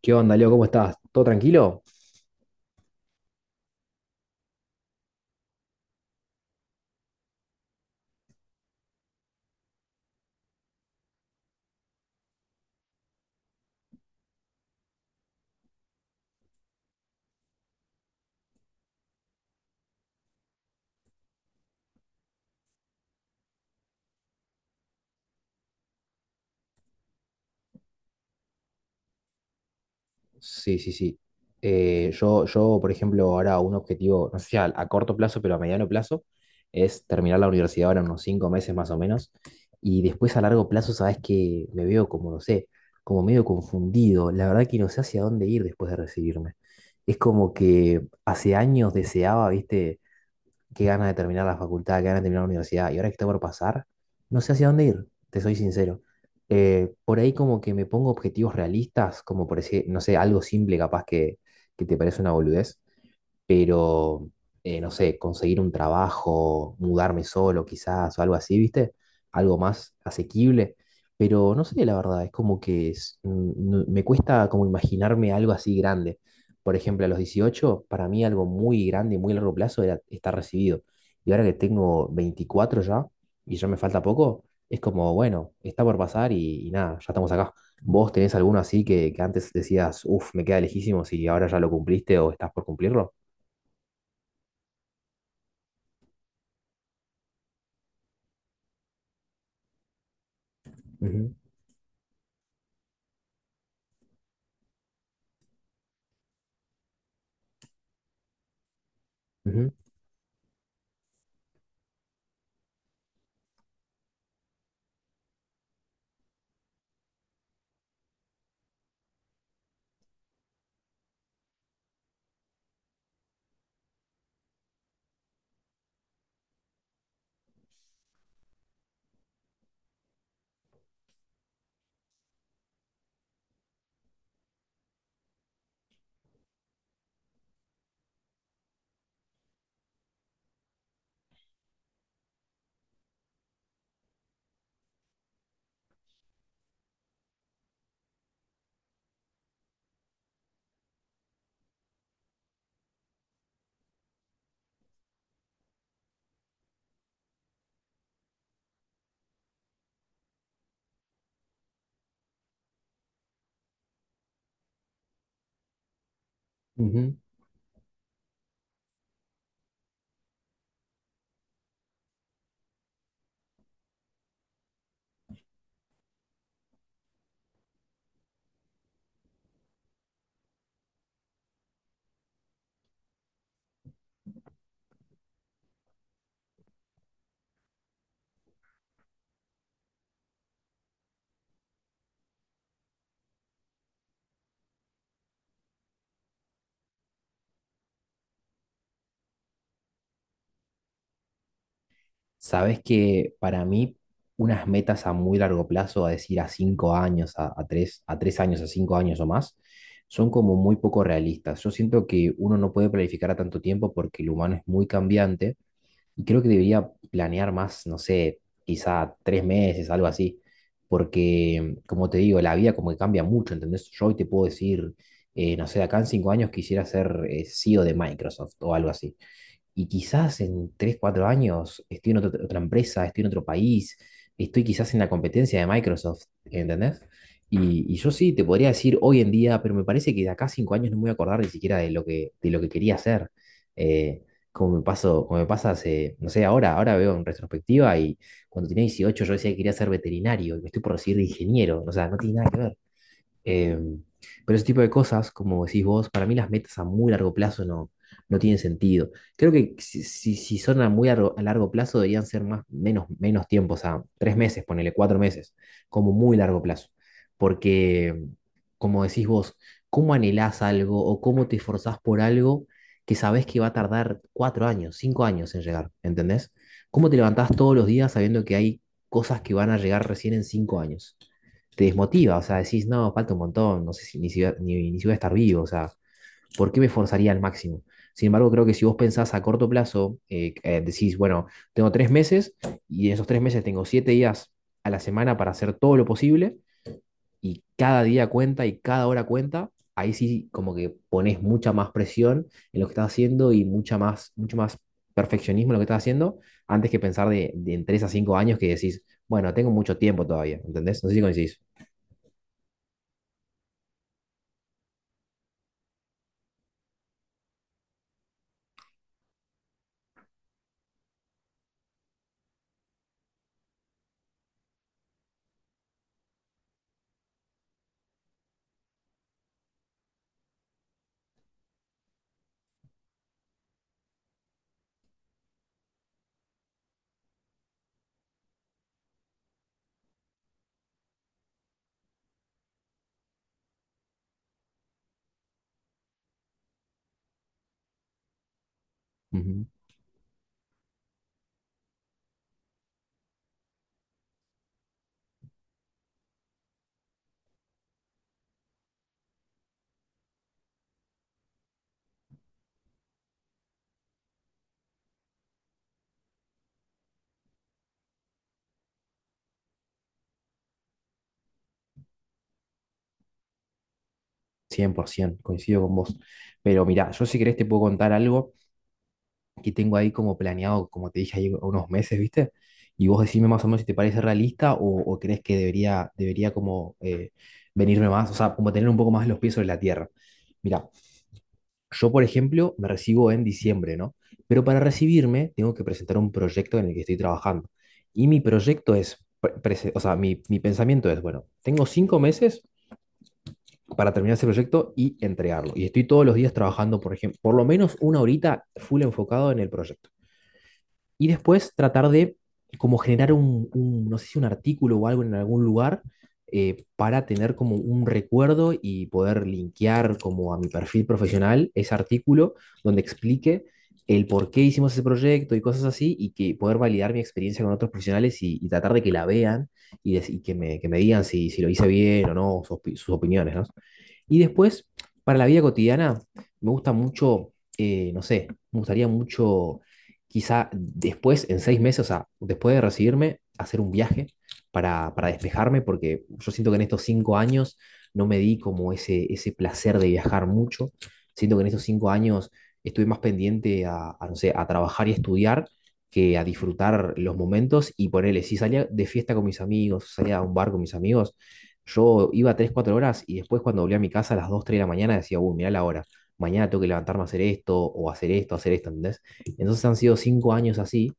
¿Qué onda, Leo? ¿Cómo estás? ¿Todo tranquilo? Sí, sí, sí. Yo, por ejemplo, ahora un objetivo, no sé si a corto plazo, pero a mediano plazo, es terminar la universidad ahora en unos 5 meses más o menos. Y después a largo plazo, sabes que me veo como, no sé, como medio confundido. La verdad que no sé hacia dónde ir después de recibirme. Es como que hace años deseaba, viste, qué ganas de terminar la facultad, qué ganas de terminar la universidad, y ahora que está por pasar, no sé hacia dónde ir, te soy sincero. Por ahí como que me pongo objetivos realistas, como por decir, no sé, algo simple capaz que te parece una boludez, pero no sé, conseguir un trabajo, mudarme solo quizás o algo así, ¿viste? Algo más asequible, pero no sé, la verdad, es como que me cuesta como imaginarme algo así grande. Por ejemplo, a los 18 para mí algo muy grande y muy largo plazo era estar recibido. Y ahora que tengo 24 ya, y ya me falta poco, es como, bueno, está por pasar y nada, ya estamos acá. ¿Vos tenés alguno así que antes decías, uff, me queda lejísimos y ahora ya lo cumpliste o estás por cumplirlo? Ujú, ujú, ujú. Sabes que para mí unas metas a muy largo plazo, a decir a 5 años, a tres años, a 5 años o más, son como muy poco realistas. Yo siento que uno no puede planificar a tanto tiempo porque el humano es muy cambiante y creo que debería planear más, no sé, quizá 3 meses, algo así, porque como te digo, la vida como que cambia mucho, ¿entendés? Yo hoy te puedo decir, no sé, de acá en 5 años quisiera ser CEO de Microsoft o algo así. Y quizás en 3 4 años estoy en otra empresa, estoy en otro país, estoy quizás en la competencia de Microsoft, ¿entendés? Y yo sí te podría decir hoy en día, pero me parece que de acá a 5 años no me voy a acordar ni siquiera de lo que quería hacer. Eh, Como me pasó, como me pasa hace, no sé, ahora veo en retrospectiva y cuando tenía 18 yo decía que quería ser veterinario y me estoy por recibir de ingeniero, o sea, no tiene nada que ver. Eh, pero ese tipo de cosas, como decís vos, para mí las metas a muy largo plazo no, no tienen sentido. Creo que si son a muy largo plazo deberían ser más, menos tiempo, o sea, tres meses, ponele 4 meses, como muy largo plazo. Porque, como decís vos, ¿cómo anhelás algo o cómo te esforzás por algo que sabés que va a tardar 4 años, 5 años en llegar? ¿Entendés? ¿Cómo te levantás todos los días sabiendo que hay cosas que van a llegar recién en 5 años? Te desmotiva, o sea, decís, no, falta un montón, no sé si ni si, ni si voy a estar vivo, o sea, ¿por qué me forzaría al máximo? Sin embargo, creo que si vos pensás a corto plazo, decís, bueno, tengo 3 meses y en esos 3 meses tengo 7 días a la semana para hacer todo lo posible y cada día cuenta y cada hora cuenta, ahí sí como que pones mucha más presión en lo que estás haciendo y mucha más, mucho más perfeccionismo en lo que estás haciendo antes que pensar de en 3 a 5 años que decís, bueno, tengo mucho tiempo todavía, ¿entendés? No sé si coincidís. Ujú. 100%, coincido con vos. Pero mirá, yo si querés te puedo contar algo que tengo ahí como planeado, como te dije, ahí unos meses, ¿viste? Y vos decime más o menos si te parece realista o crees que debería como venirme más, o sea, como tener un poco más los pies sobre la tierra. Mirá, yo por ejemplo me recibo en diciembre, ¿no? Pero para recibirme tengo que presentar un proyecto en el que estoy trabajando. Y mi proyecto es, o sea, mi pensamiento es, bueno, tengo 5 meses para terminar ese proyecto y entregarlo. Y estoy todos los días trabajando, por ejemplo, por lo menos una horita full enfocado en el proyecto. Y después tratar de como generar un, no sé si un artículo o algo en algún lugar para tener como un recuerdo y poder linkear como a mi perfil profesional ese artículo donde explique el por qué hicimos ese proyecto y cosas así, y que poder validar mi experiencia con otros profesionales y tratar de que la vean y que me digan si lo hice bien o no, sus opiniones, ¿no? Y después, para la vida cotidiana, me gusta mucho, no sé, me gustaría mucho, quizá después, en 6 meses, o sea, después de recibirme, hacer un viaje para despejarme, porque yo siento que en estos 5 años no me di como ese placer de viajar mucho. Siento que en estos cinco años estuve más pendiente a, no sé, a trabajar y estudiar que a disfrutar los momentos y ponerle, si salía de fiesta con mis amigos, salía a un bar con mis amigos, yo iba 3 4 horas y después cuando volví a mi casa a las 2 3 de la mañana decía, uy, mirá la hora, mañana tengo que levantarme a hacer esto o hacer esto, ¿entendés? Entonces han sido 5 años así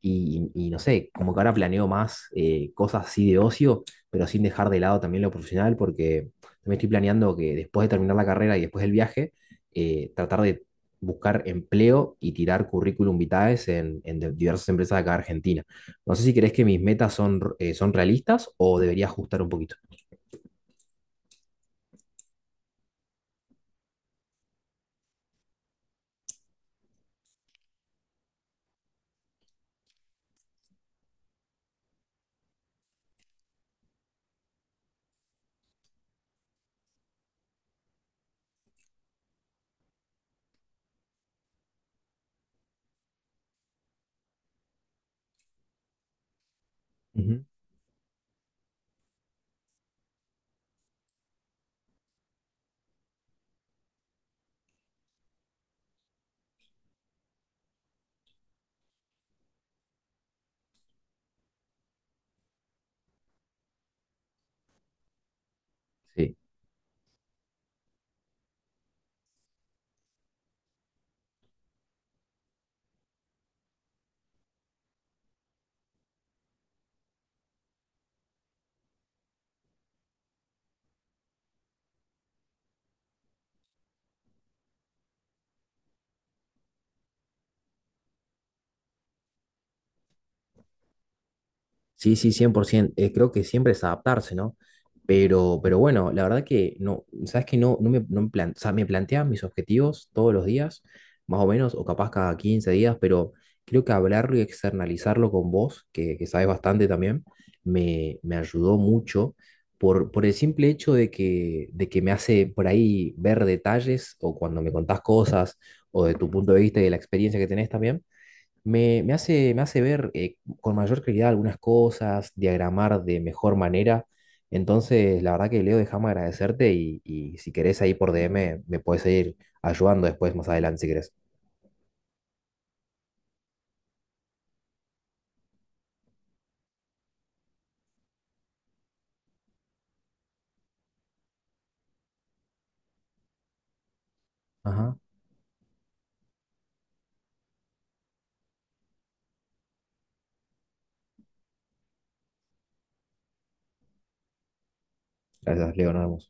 y no sé, como que ahora planeo más cosas así de ocio, pero sin dejar de lado también lo profesional porque me estoy planeando que después de terminar la carrera y después del viaje, tratar de buscar empleo y tirar currículum vitae en diversas empresas de acá de Argentina. No sé si crees que mis metas son realistas o debería ajustar un poquito. Ujú. Sí, sí, sí, 100%. Creo que siempre es adaptarse, ¿no? Pero bueno, la verdad que no, sabes que no, o sea, me plantean mis objetivos todos los días, más o menos, o capaz cada 15 días, pero creo que hablarlo y externalizarlo con vos, que sabes bastante también, me ayudó mucho por el simple hecho de que me hace por ahí ver detalles o cuando me contás cosas o de tu punto de vista y de la experiencia que tenés también. Me hace ver con mayor claridad algunas cosas, diagramar de mejor manera. Entonces, la verdad que Leo, déjame agradecerte y si querés ahí por DM me puedes seguir ayudando después, más adelante, si querés. Ajá. Gracias, Leo, nos vemos.